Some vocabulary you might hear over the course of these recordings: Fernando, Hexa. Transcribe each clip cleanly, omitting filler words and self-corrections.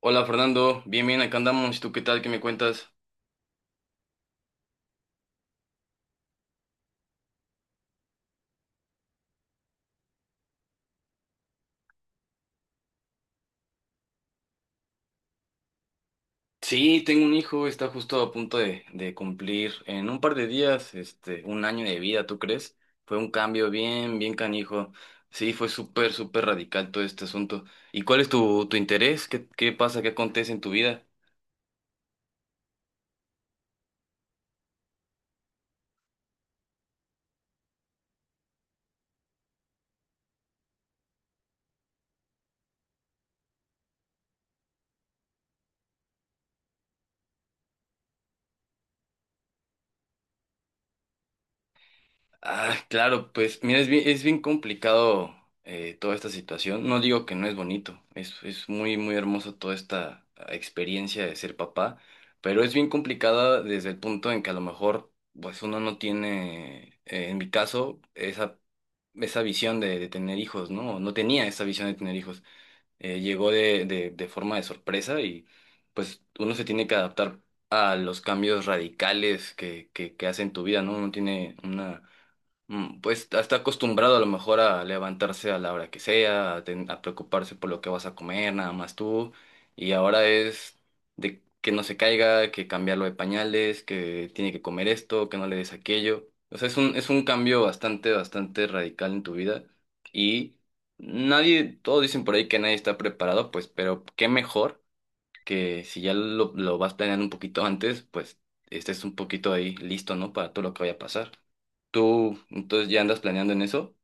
Hola Fernando, bien, acá andamos. ¿Y tú qué tal? ¿Qué me cuentas? Sí, tengo un hijo, está justo a punto de cumplir en un par de días, un año de vida, ¿tú crees? Fue un cambio bien canijo. Sí, fue súper radical todo este asunto. ¿Y cuál es tu interés? ¿Qué pasa? ¿Qué acontece en tu vida? Ah, claro, pues mira, es bien complicado toda esta situación. No digo que no es bonito, es muy hermoso toda esta experiencia de ser papá, pero es bien complicada desde el punto en que a lo mejor pues uno no tiene, en mi caso, esa visión de tener hijos, ¿no? No tenía esa visión de tener hijos. Llegó de forma de sorpresa y pues uno se tiene que adaptar a los cambios radicales que hacen tu vida, ¿no? Uno tiene una. Pues está acostumbrado a lo mejor a levantarse a la hora que sea, a, a preocuparse por lo que vas a comer, nada más tú. Y ahora es de que no se caiga, que cambiarlo de pañales, que tiene que comer esto, que no le des aquello. O sea, es un cambio bastante radical en tu vida. Y nadie, todos dicen por ahí que nadie está preparado, pues, pero qué mejor que si ya lo vas planeando un poquito antes, pues estés un poquito ahí listo, ¿no? Para todo lo que vaya a pasar. Tú, entonces ya andas planeando en eso.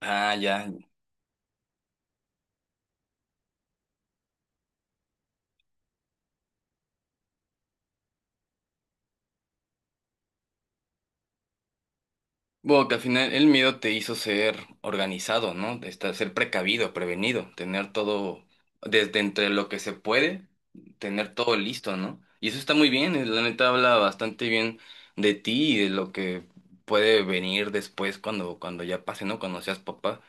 Ah, ya. Bueno, que al final el miedo te hizo ser organizado, ¿no? Estar, ser precavido, prevenido, tener todo desde entre lo que se puede, tener todo listo, ¿no? Y eso está muy bien, la neta habla bastante bien de ti y de lo que puede venir después cuando, cuando ya pase, ¿no? Cuando seas papá.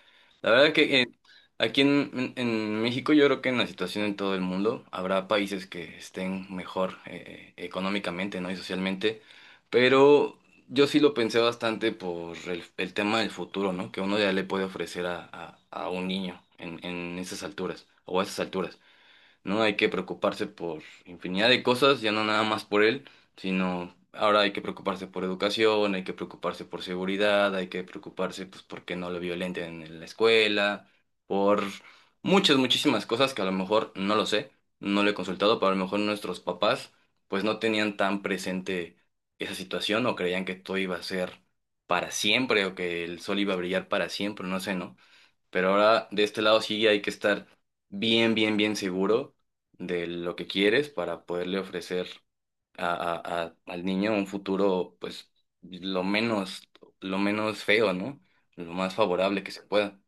La verdad que aquí en, en México yo creo que en la situación en todo el mundo habrá países que estén mejor económicamente, ¿no? Y socialmente, pero yo sí lo pensé bastante por el tema del futuro, ¿no? Que uno ya le puede ofrecer a, a un niño en esas alturas o a esas alturas. ¿No? Hay que preocuparse por infinidad de cosas, ya no nada más por él, sino ahora hay que preocuparse por educación, hay que preocuparse por seguridad, hay que preocuparse, pues, porque no lo violenten en la escuela, por muchas, muchísimas cosas que a lo mejor no lo sé, no lo he consultado, pero a lo mejor nuestros papás, pues, no tenían tan presente esa situación o creían que todo iba a ser para siempre o que el sol iba a brillar para siempre, no sé, ¿no? Pero ahora de este lado sí hay que estar bien seguro de lo que quieres para poderle ofrecer a, al niño un futuro, pues, lo menos, lo menos feo, ¿no? Lo más favorable que se pueda.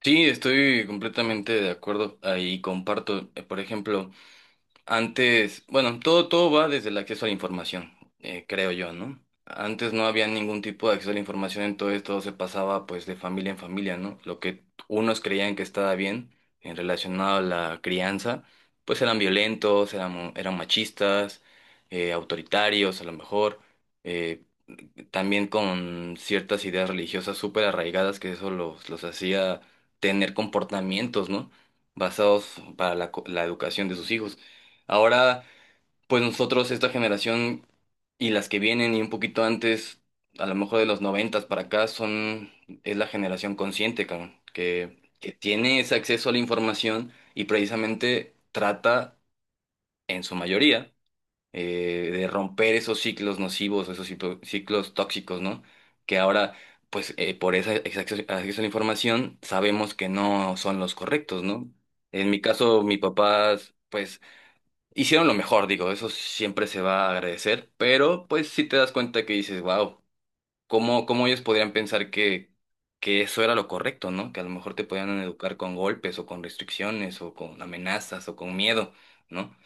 Sí, estoy completamente de acuerdo ahí, comparto. Por ejemplo, antes, bueno, todo, todo va desde el acceso a la información, creo yo, ¿no? Antes no había ningún tipo de acceso a la información, entonces todo se pasaba pues de familia en familia, ¿no? Lo que unos creían que estaba bien en relacionado a la crianza, pues eran violentos, eran, eran machistas, autoritarios a lo mejor, eh, también con ciertas ideas religiosas súper arraigadas que eso los hacía tener comportamientos, ¿no? Basados para la, la educación de sus hijos. Ahora, pues nosotros, esta generación y las que vienen y un poquito antes, a lo mejor de los noventas para acá, son, es la generación consciente, cabrón, que tiene ese acceso a la información y precisamente trata, en su mayoría, de romper esos ciclos nocivos, esos ciclos tóxicos, ¿no? Que ahora, pues por ese ese acceso a la información, sabemos que no son los correctos, ¿no? En mi caso, mi papá, pues hicieron lo mejor, digo, eso siempre se va a agradecer, pero pues sí te das cuenta que dices, wow, ¿cómo, cómo ellos podrían pensar que eso era lo correcto, ¿no? Que a lo mejor te podían educar con golpes o con restricciones o con amenazas o con miedo, ¿no?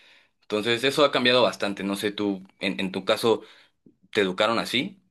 Entonces eso ha cambiado bastante, no sé, tú, en tu caso, ¿te educaron así?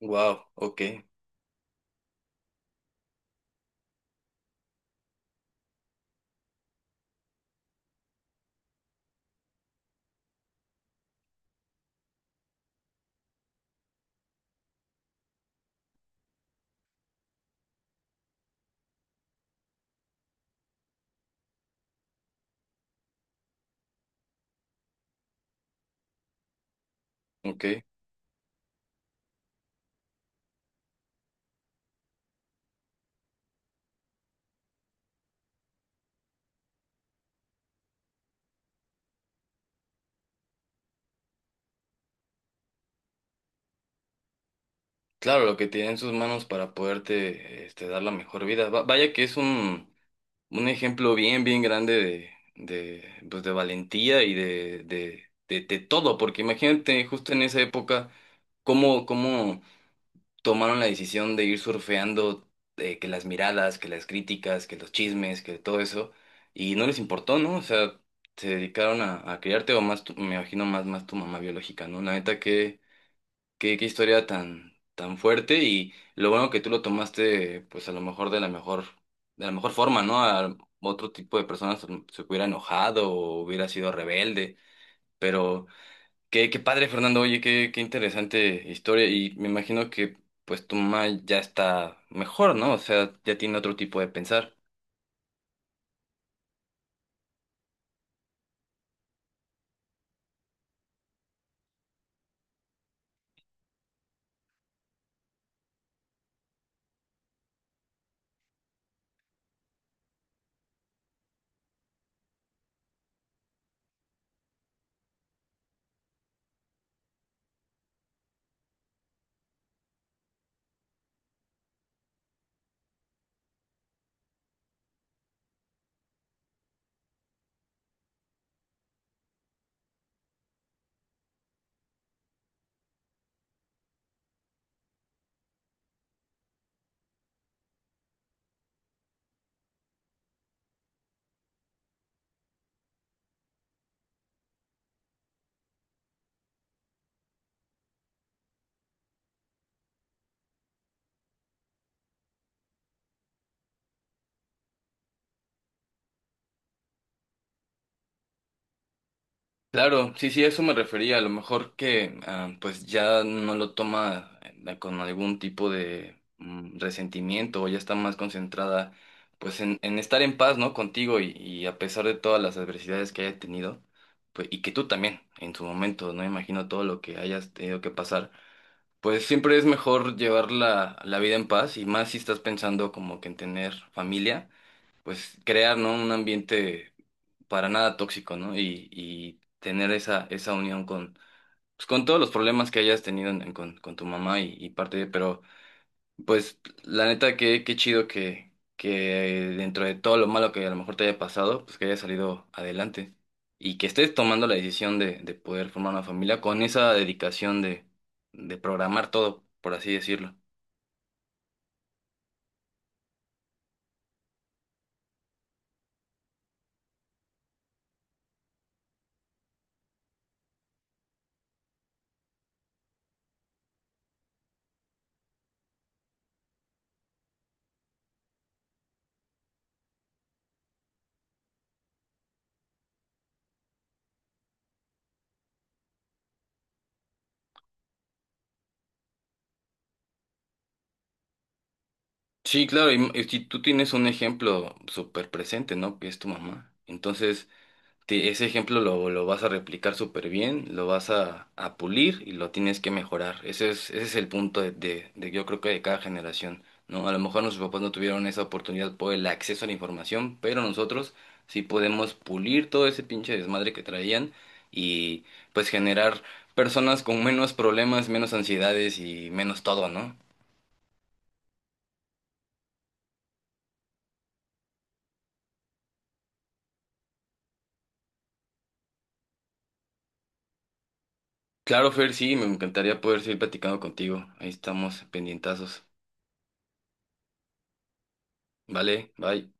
Wow, ok, ok. Claro, lo que tiene en sus manos para poderte este, dar la mejor vida. Vaya que es un... Un ejemplo bien grande de, pues de valentía y de todo, porque imagínate justo en esa época cómo, cómo tomaron la decisión de ir surfeando que las miradas, que las críticas, que los chismes, que todo eso, y no les importó, ¿no? O sea, se dedicaron a criarte o más, me imagino más, más tu mamá biológica, ¿no? La neta, que qué, qué historia tan fuerte y lo bueno que tú lo tomaste, pues a lo mejor de la mejor, de la mejor forma, ¿no? A otro tipo de personas se se hubiera enojado o hubiera sido rebelde, pero qué, qué padre, Fernando, oye, qué, qué interesante historia y me imagino que pues tu mamá ya está mejor, ¿no? O sea, ya tiene otro tipo de pensar. Claro, sí, sí, a eso me refería. A lo mejor que pues ya no lo toma con algún tipo de resentimiento o ya está más concentrada pues en estar en paz, ¿no? Contigo y a pesar de todas las adversidades que haya tenido, pues y que tú también en su momento, ¿no? Imagino todo lo que hayas tenido que pasar. Pues siempre es mejor llevar la, la vida en paz y más si estás pensando como que en tener familia, pues crear, ¿no? Un ambiente para nada tóxico, ¿no? Y tener esa, esa unión con, pues, con todos los problemas que hayas tenido en- con tu mamá y parte de, pero pues la neta que qué chido que dentro de todo lo malo que a lo mejor te haya pasado, pues que hayas salido adelante y que estés tomando la decisión de poder formar una familia con esa dedicación de programar todo, por así decirlo. Sí, claro, y si tú tienes un ejemplo súper presente, ¿no? Que es tu mamá. Entonces, ese ejemplo lo vas a replicar súper bien, lo vas a pulir y lo tienes que mejorar. Ese es el punto de, yo creo que de cada generación, ¿no? A lo mejor nuestros papás no tuvieron esa oportunidad por el acceso a la información, pero nosotros sí podemos pulir todo ese pinche desmadre que traían y pues generar personas con menos problemas, menos ansiedades y menos todo, ¿no? Claro, Fer, sí, me encantaría poder seguir platicando contigo. Ahí estamos, pendientazos. Vale, bye.